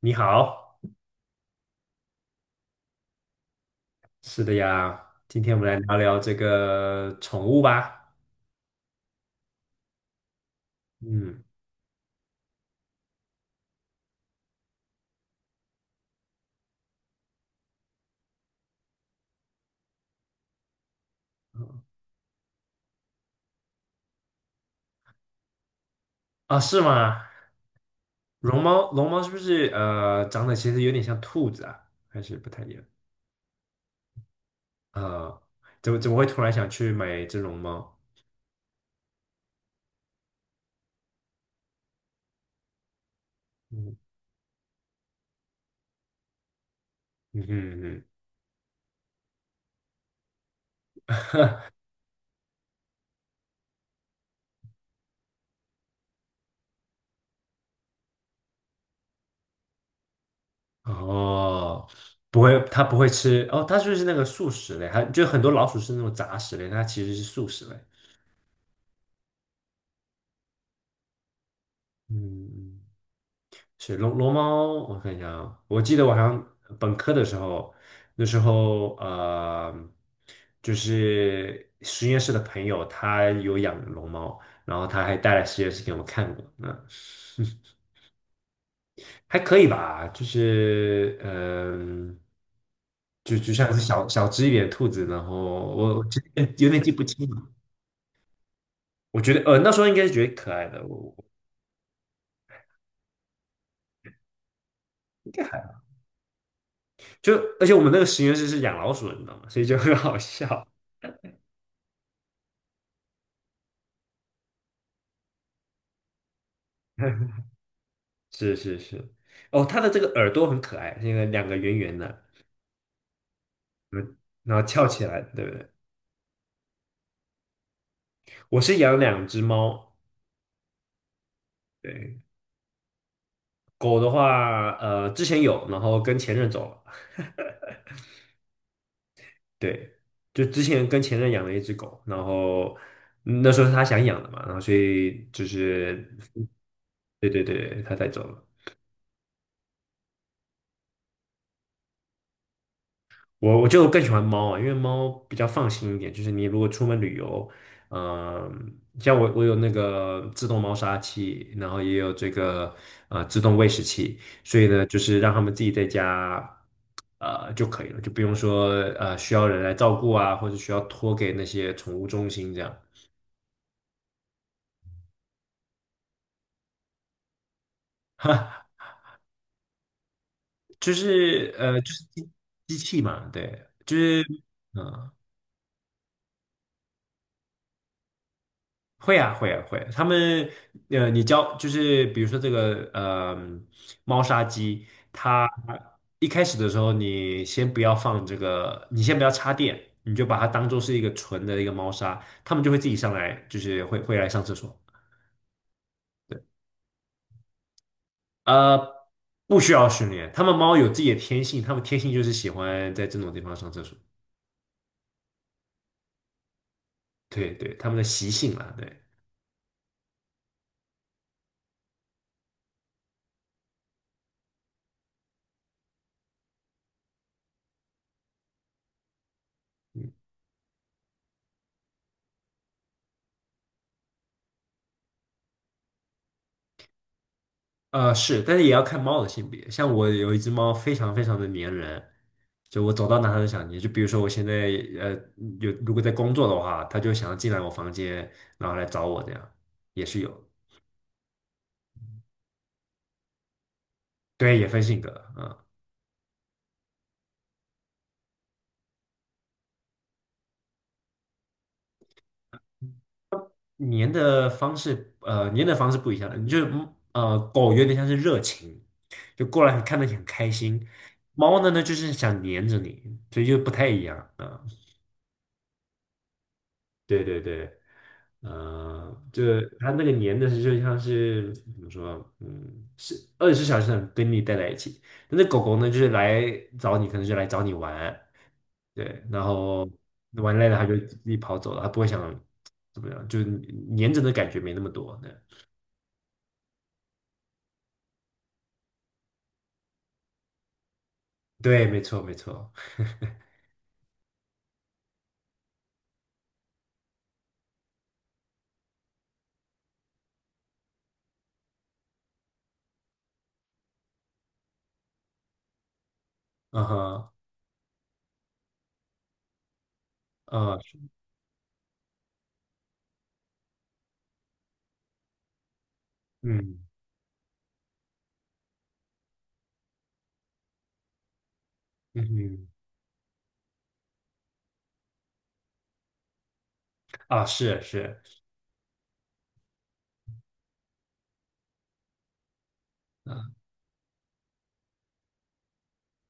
你好。是的呀，今天我们来聊聊这个宠物吧。嗯。啊，是吗？绒猫，龙猫是不是长得其实有点像兔子啊？还是不太一样？啊，怎么会突然想去买这绒猫？嗯嗯嗯。嗯哼，哦，不会，它不会吃哦，它就是那个素食类，还就很多老鼠是那种杂食类，它其实是素食类。嗯，嗯，是龙猫，我看一下啊，我记得我好像本科的时候，那时候就是实验室的朋友他有养龙猫，然后他还带来实验室给我们看过。嗯，还可以吧，就是就像是小小只一点的兔子，然后我其实有点记不清了。我觉得那时候应该是觉得可爱的。我我应该还就而且我们那个实验室是养老鼠的，你知道吗？所以就很好笑。是是是。哦，它的这个耳朵很可爱，那个两个圆圆的。嗯，然后翘起来，对不对？我是养两只猫。对，狗的话，之前有，然后跟前任走了。对，就之前跟前任养了一只狗，然后嗯那时候是他想养的嘛，然后所以就是。对对对，他带走了。我就更喜欢猫啊，因为猫比较放心一点。就是你如果出门旅游，像我有那个自动猫砂器，然后也有这个自动喂食器，所以呢，就是让它们自己在家就可以了，就不用说需要人来照顾啊，或者需要托给那些宠物中心这样。就是机器嘛，对，就是。嗯。会啊，会啊，会啊。他们，你教就是比如说这个，猫砂机，它一开始的时候，你先不要放这个，你先不要插电，你就把它当做是一个纯的一个猫砂，它们就会自己上来，就是会来上厕所。呃，不需要训练，它们猫有自己的天性，它们天性就是喜欢在这种地方上厕所。对对，它们的习性啊，对。是，但是也要看猫的性别。像我有一只猫，非常非常的粘人，就我走到哪它都想黏。就比如说我现在呃有如果在工作的话，它就想要进来我房间，然后来找我，这样也是有。对，也分性格啊。嗯，粘的方式不一样，你就是狗有点像是热情，就过来看得很开心。猫呢就是想黏着你，所以就不太一样啊。对对对。嗯。就它那个黏的是就像是怎么说，嗯，是24小时很跟你待在一起。那狗狗呢，就是来找你，可能就来找你玩。对，然后玩累了它就自己跑走了，它不会想怎么样，就是黏着的感觉没那么多。对。对，没错，没错。嗯哼。啊。嗯嗯。嗯。啊，是是。啊。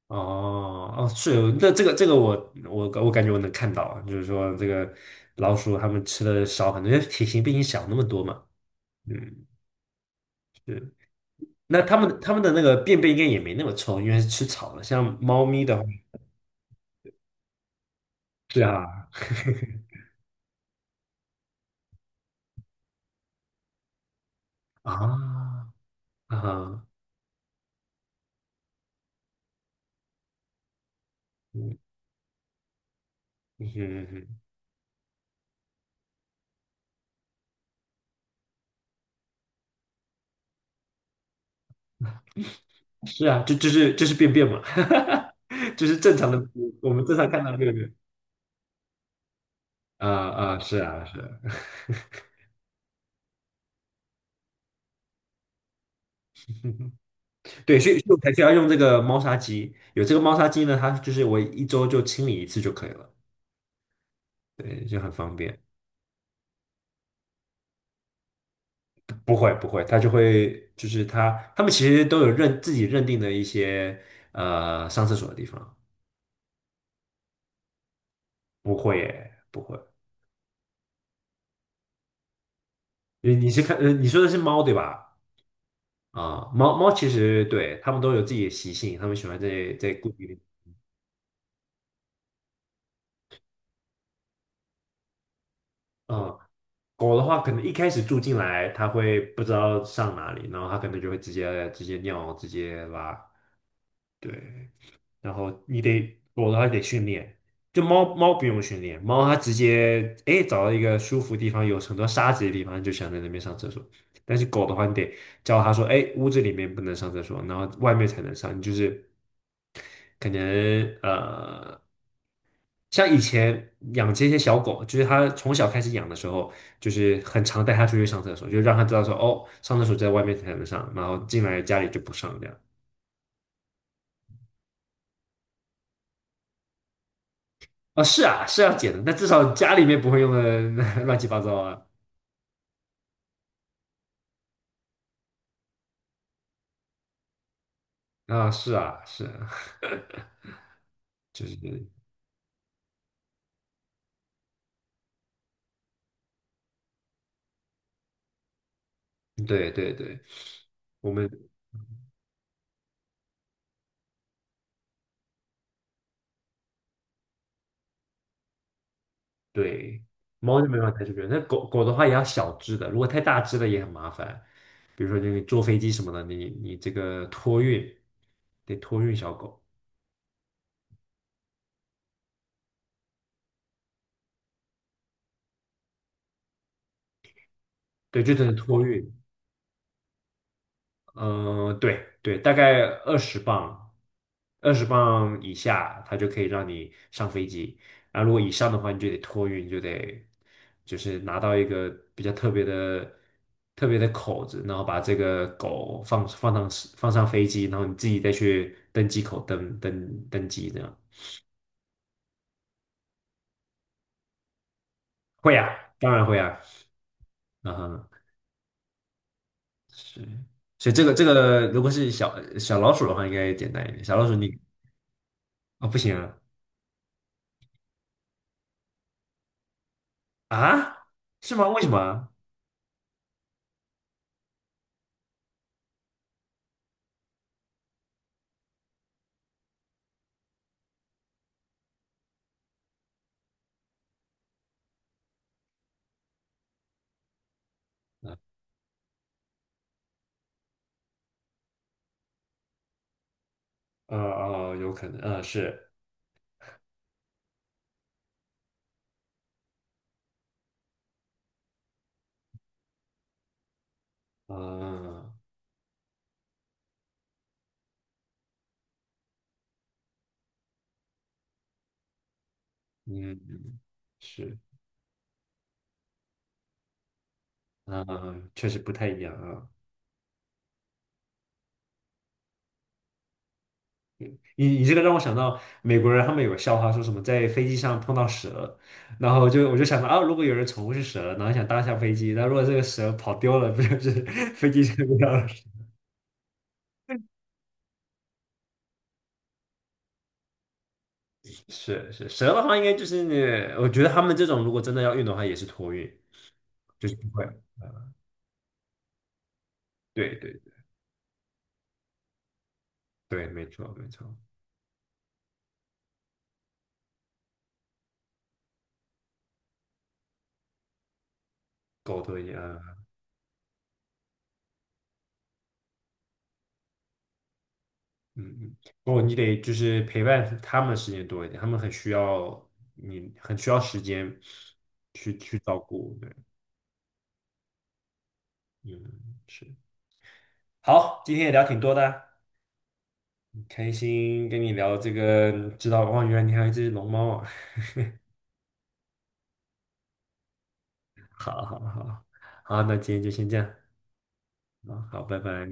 哦哦，是。那这个这个我我感觉我能看到啊，就是说这个老鼠它们吃的少很多，因为体型比你小那么多嘛。嗯，是。那它们的那个便便应该也没那么臭，因为是吃草的。像猫咪的话，是啊。啊啊。嗯嗯嗯。嗯。是啊，这就是这是便便嘛。就是正常的，我们正常看到便便。啊啊，是啊是啊。对，所以所以我才需要用这个猫砂机。有这个猫砂机呢，它就是我一周就清理一次就可以了。对，就很方便。不会不会，它就会就是它，他们其实都有认自己认定的一些上厕所的地方。不会耶，不会。你是看你说的是猫对吧？啊、猫猫其实对它们都有自己的习性，它们喜欢在在固定地。嗯，狗的话，可能一开始住进来，它会不知道上哪里，然后它可能就会直接尿，直接拉。对，然后你得，我的话得训练。就猫猫不用训练，猫它直接哎找到一个舒服地方，有很多沙子的地方，就想在那边上厕所。但是狗的话，你得教它说，哎，屋子里面不能上厕所，然后外面才能上。你就是可能像以前养这些小狗，就是它从小开始养的时候，就是很常带它出去上厕所，就让它知道说，哦，上厕所在外面才能上，然后进来家里就不上这样。啊，是啊，是要剪的，但至少家里面不会用的 乱七八糟啊。啊，是啊，是啊。就是对对对，我们对猫就没办法带出去，那狗狗的话也要小只的，如果太大只的也很麻烦。比如说你坐飞机什么的，你这个托运得托运小狗。对，就只能托运。嗯、对对，大概二十磅，二十磅以下，它就可以让你上飞机。然后如果以上的话，你就得托运，就得就是拿到一个比较特别的、特别的口子，然后把这个狗放上飞机，然后你自己再去登机口登机这样。会啊，当然会啊。嗯哼。是。所以这个这个，如果是小小老鼠的话，应该简单一点。小老鼠你。啊，不行啊。啊？是吗？为什么啊？哦，有可能，是。啊。嗯，是，啊，确实不太一样啊。你你这个让我想到美国人，他们有个笑话，说什么在飞机上碰到蛇，然后就我就想到啊，如果有人宠物是蛇，然后想搭一下飞机，那如果这个蛇跑丢了，不就是 飞机上不掉了？是是，蛇的话应该就是那，我觉得他们这种如果真的要运的话，也是托运，就是不会。对对对，没错没错。狗多一样。嗯嗯，哦，你得就是陪伴他们的时间多一点，他们很需要你，很需要时间去去照顾。对。嗯，是。好，今天也聊挺多的，很开心跟你聊这个，知道哇，原来你还有一只龙猫啊！好好好，好，那今天就先这样，啊，好，拜拜。